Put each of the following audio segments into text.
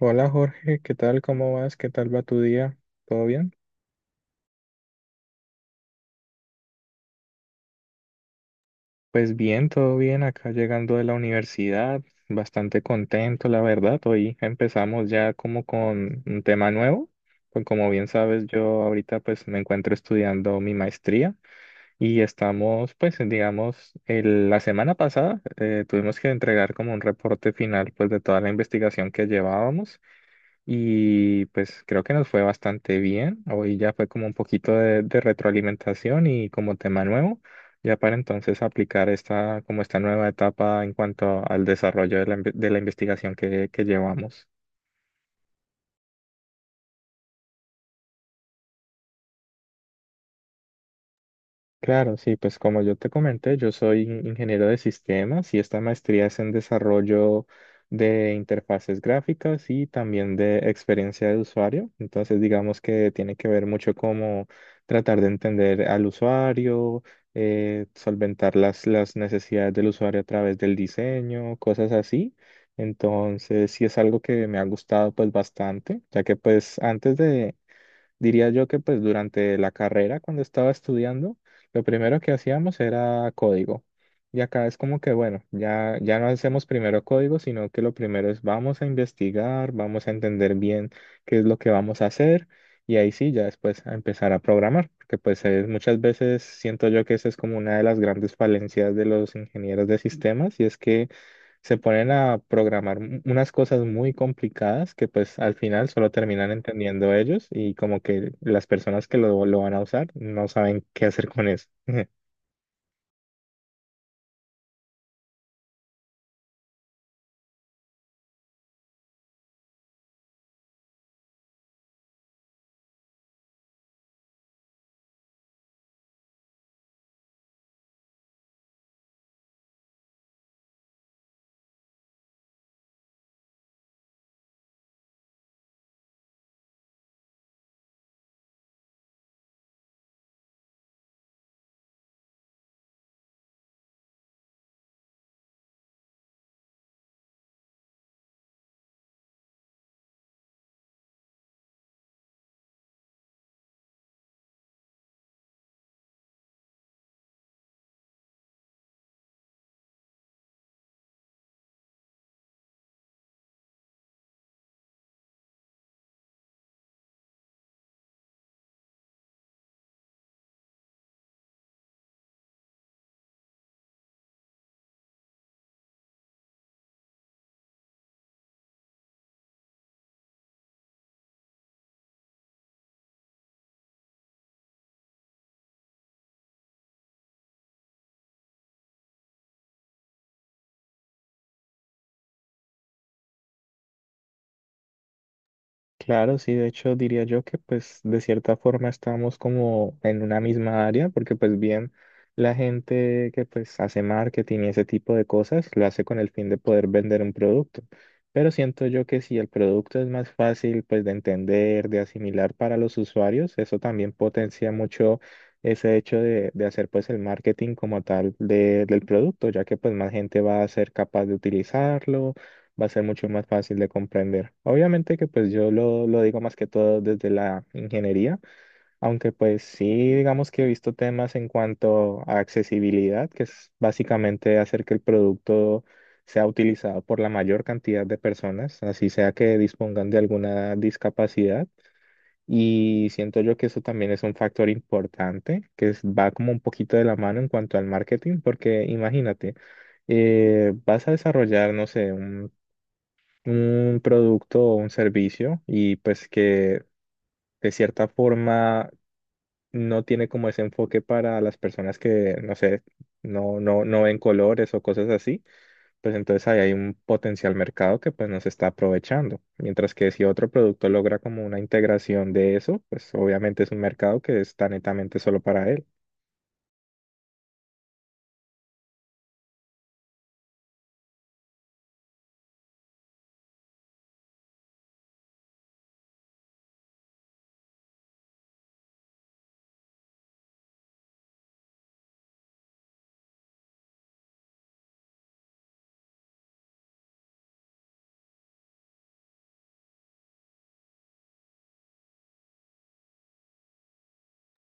Hola Jorge, ¿qué tal? ¿Cómo vas? ¿Qué tal va tu día? ¿Todo bien? Pues bien, todo bien. Acá llegando de la universidad, bastante contento, la verdad. Hoy empezamos ya como con un tema nuevo. Pues como bien sabes, yo ahorita pues me encuentro estudiando mi maestría y estamos pues digamos, la semana pasada tuvimos que entregar como un reporte final pues de toda la investigación que llevábamos. Y pues creo que nos fue bastante bien. Hoy ya fue como un poquito de retroalimentación y como tema nuevo, ya para entonces aplicar esta, como esta nueva etapa en cuanto al desarrollo de la, de la investigación que llevamos. Claro, sí, pues como yo te comenté, yo soy ingeniero de sistemas y esta maestría es en desarrollo de interfaces gráficas y también de experiencia de usuario. Entonces, digamos que tiene que ver mucho como tratar de entender al usuario, solventar las necesidades del usuario a través del diseño, cosas así. Entonces, sí es algo que me ha gustado pues bastante, ya que pues antes de Diría yo que pues durante la carrera, cuando estaba estudiando, lo primero que hacíamos era código. Y acá es como que, bueno, ya no hacemos primero código, sino que lo primero es vamos a investigar, vamos a entender bien qué es lo que vamos a hacer y ahí sí, ya después a empezar a programar, porque pues muchas veces siento yo que esa es como una de las grandes falencias de los ingenieros de sistemas y es que se ponen a programar unas cosas muy complicadas que pues al final solo terminan entendiendo ellos y como que las personas que lo van a usar no saben qué hacer con eso. Claro, sí, de hecho diría yo que pues de cierta forma estamos como en una misma área, porque pues bien la gente que pues hace marketing y ese tipo de cosas lo hace con el fin de poder vender un producto. Pero siento yo que si el producto es más fácil pues de entender, de asimilar para los usuarios, eso también potencia mucho ese hecho de hacer pues el marketing como tal del producto, ya que pues más gente va a ser capaz de utilizarlo va a ser mucho más fácil de comprender. Obviamente que pues yo lo digo más que todo desde la ingeniería, aunque pues sí digamos que he visto temas en cuanto a accesibilidad, que es básicamente hacer que el producto sea utilizado por la mayor cantidad de personas, así sea que dispongan de alguna discapacidad. Y siento yo que eso también es un factor importante, que va como un poquito de la mano en cuanto al marketing, porque imagínate, vas a desarrollar, no sé, un producto o un servicio y pues que de cierta forma no tiene como ese enfoque para las personas que, no sé, no, no, no ven colores o cosas así, pues entonces ahí hay un potencial mercado que pues no se está aprovechando. Mientras que si otro producto logra como una integración de eso, pues obviamente es un mercado que está netamente solo para él.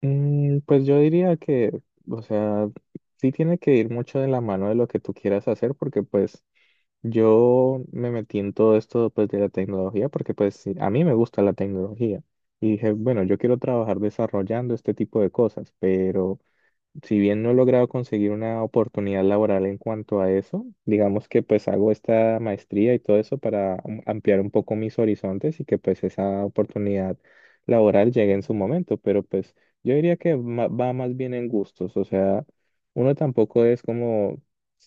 Mm, pues yo diría que, o sea, sí tiene que ir mucho de la mano de lo que tú quieras hacer, porque pues yo me metí en todo esto pues, de la tecnología porque pues sí, a mí me gusta la tecnología y dije, bueno, yo quiero trabajar desarrollando este tipo de cosas, pero si bien no he logrado conseguir una oportunidad laboral en cuanto a eso, digamos que pues hago esta maestría y todo eso para ampliar un poco mis horizontes y que pues esa oportunidad laboral llegue en su momento, pero pues yo diría que va más bien en gustos, o sea, uno tampoco es como,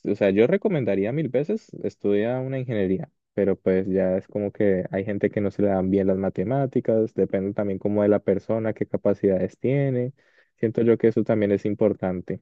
o sea, yo recomendaría mil veces estudiar una ingeniería. Pero pues ya es como que hay gente que no se le dan bien las matemáticas, depende también como de la persona, qué capacidades tiene. Siento yo que eso también es importante.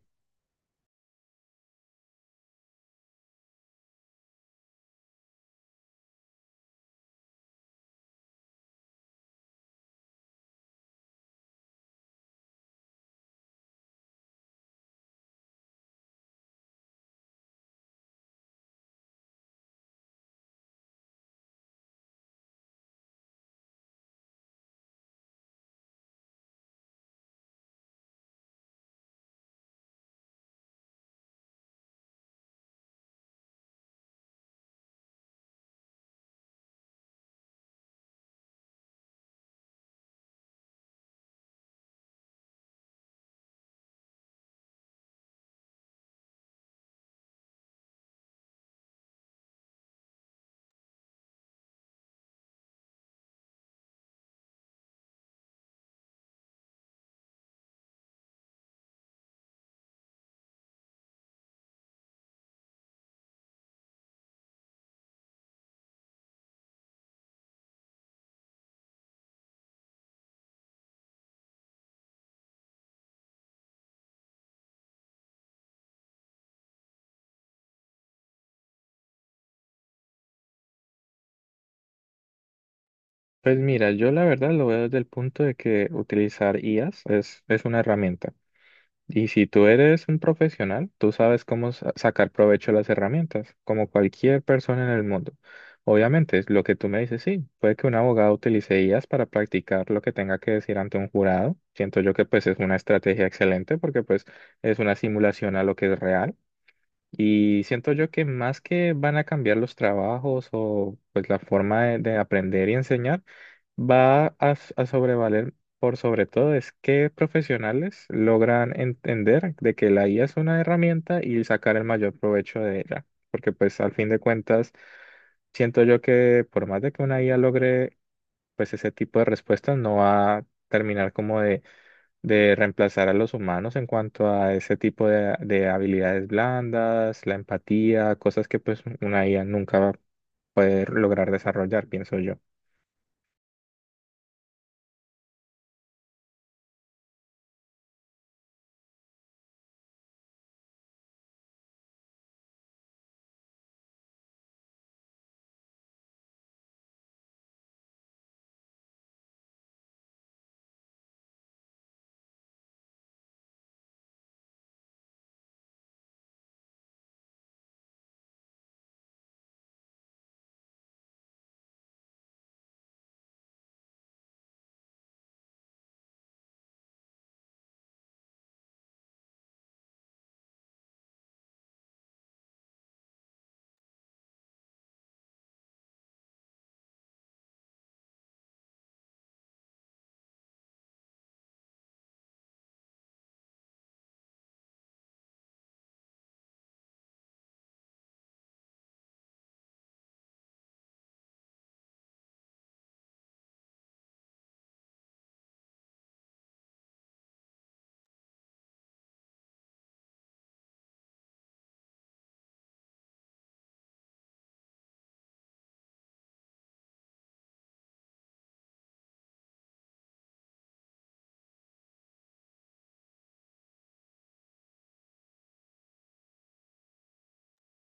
Pues mira, yo la verdad lo veo desde el punto de que utilizar IAs es una herramienta. Y si tú eres un profesional, tú sabes cómo sacar provecho de las herramientas, como cualquier persona en el mundo. Obviamente, es lo que tú me dices, sí, puede que un abogado utilice IAs para practicar lo que tenga que decir ante un jurado. Siento yo que pues es una estrategia excelente porque pues es una simulación a lo que es real. Y siento yo que más que van a cambiar los trabajos o pues la forma de aprender y enseñar, va a, a sobrevaler por sobre todo es que profesionales logran entender de que la IA es una herramienta y sacar el mayor provecho de ella. Porque pues al fin de cuentas, siento yo que por más de que una IA logre pues ese tipo de respuestas, no va a terminar como de reemplazar a los humanos en cuanto a ese tipo de habilidades blandas, la empatía, cosas que pues una IA nunca va a poder lograr desarrollar, pienso yo.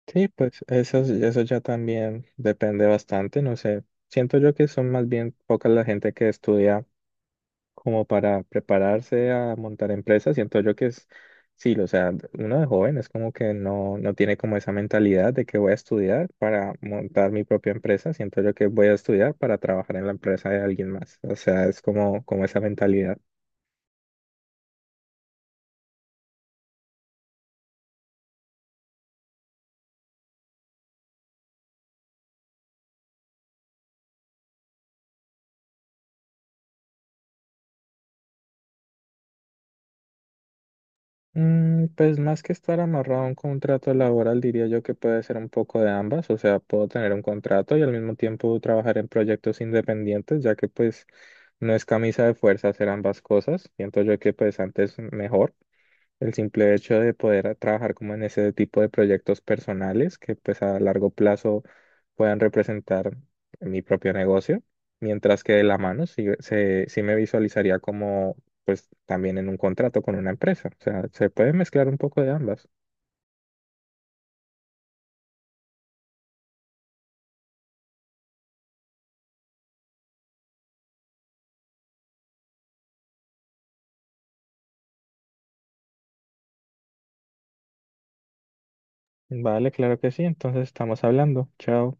Sí, pues eso ya también depende bastante, no sé. Siento yo que son más bien pocas la gente que estudia como para prepararse a montar empresas, siento yo que es, sí, o sea, uno de joven es como que no, no tiene como esa mentalidad de que voy a estudiar para montar mi propia empresa, siento yo que voy a estudiar para trabajar en la empresa de alguien más, o sea, es como, como esa mentalidad. Mm, pues más que estar amarrado a un contrato laboral, diría yo que puede ser un poco de ambas, o sea, puedo tener un contrato y al mismo tiempo trabajar en proyectos independientes, ya que pues no es camisa de fuerza hacer ambas cosas, siento yo que pues antes mejor. El simple hecho de poder trabajar como en ese tipo de proyectos personales que pues a largo plazo puedan representar mi propio negocio, mientras que de la mano sí, se, sí me visualizaría como pues también en un contrato con una empresa. O sea, se puede mezclar un poco de ambas. Vale, claro que sí. Entonces estamos hablando. Chao.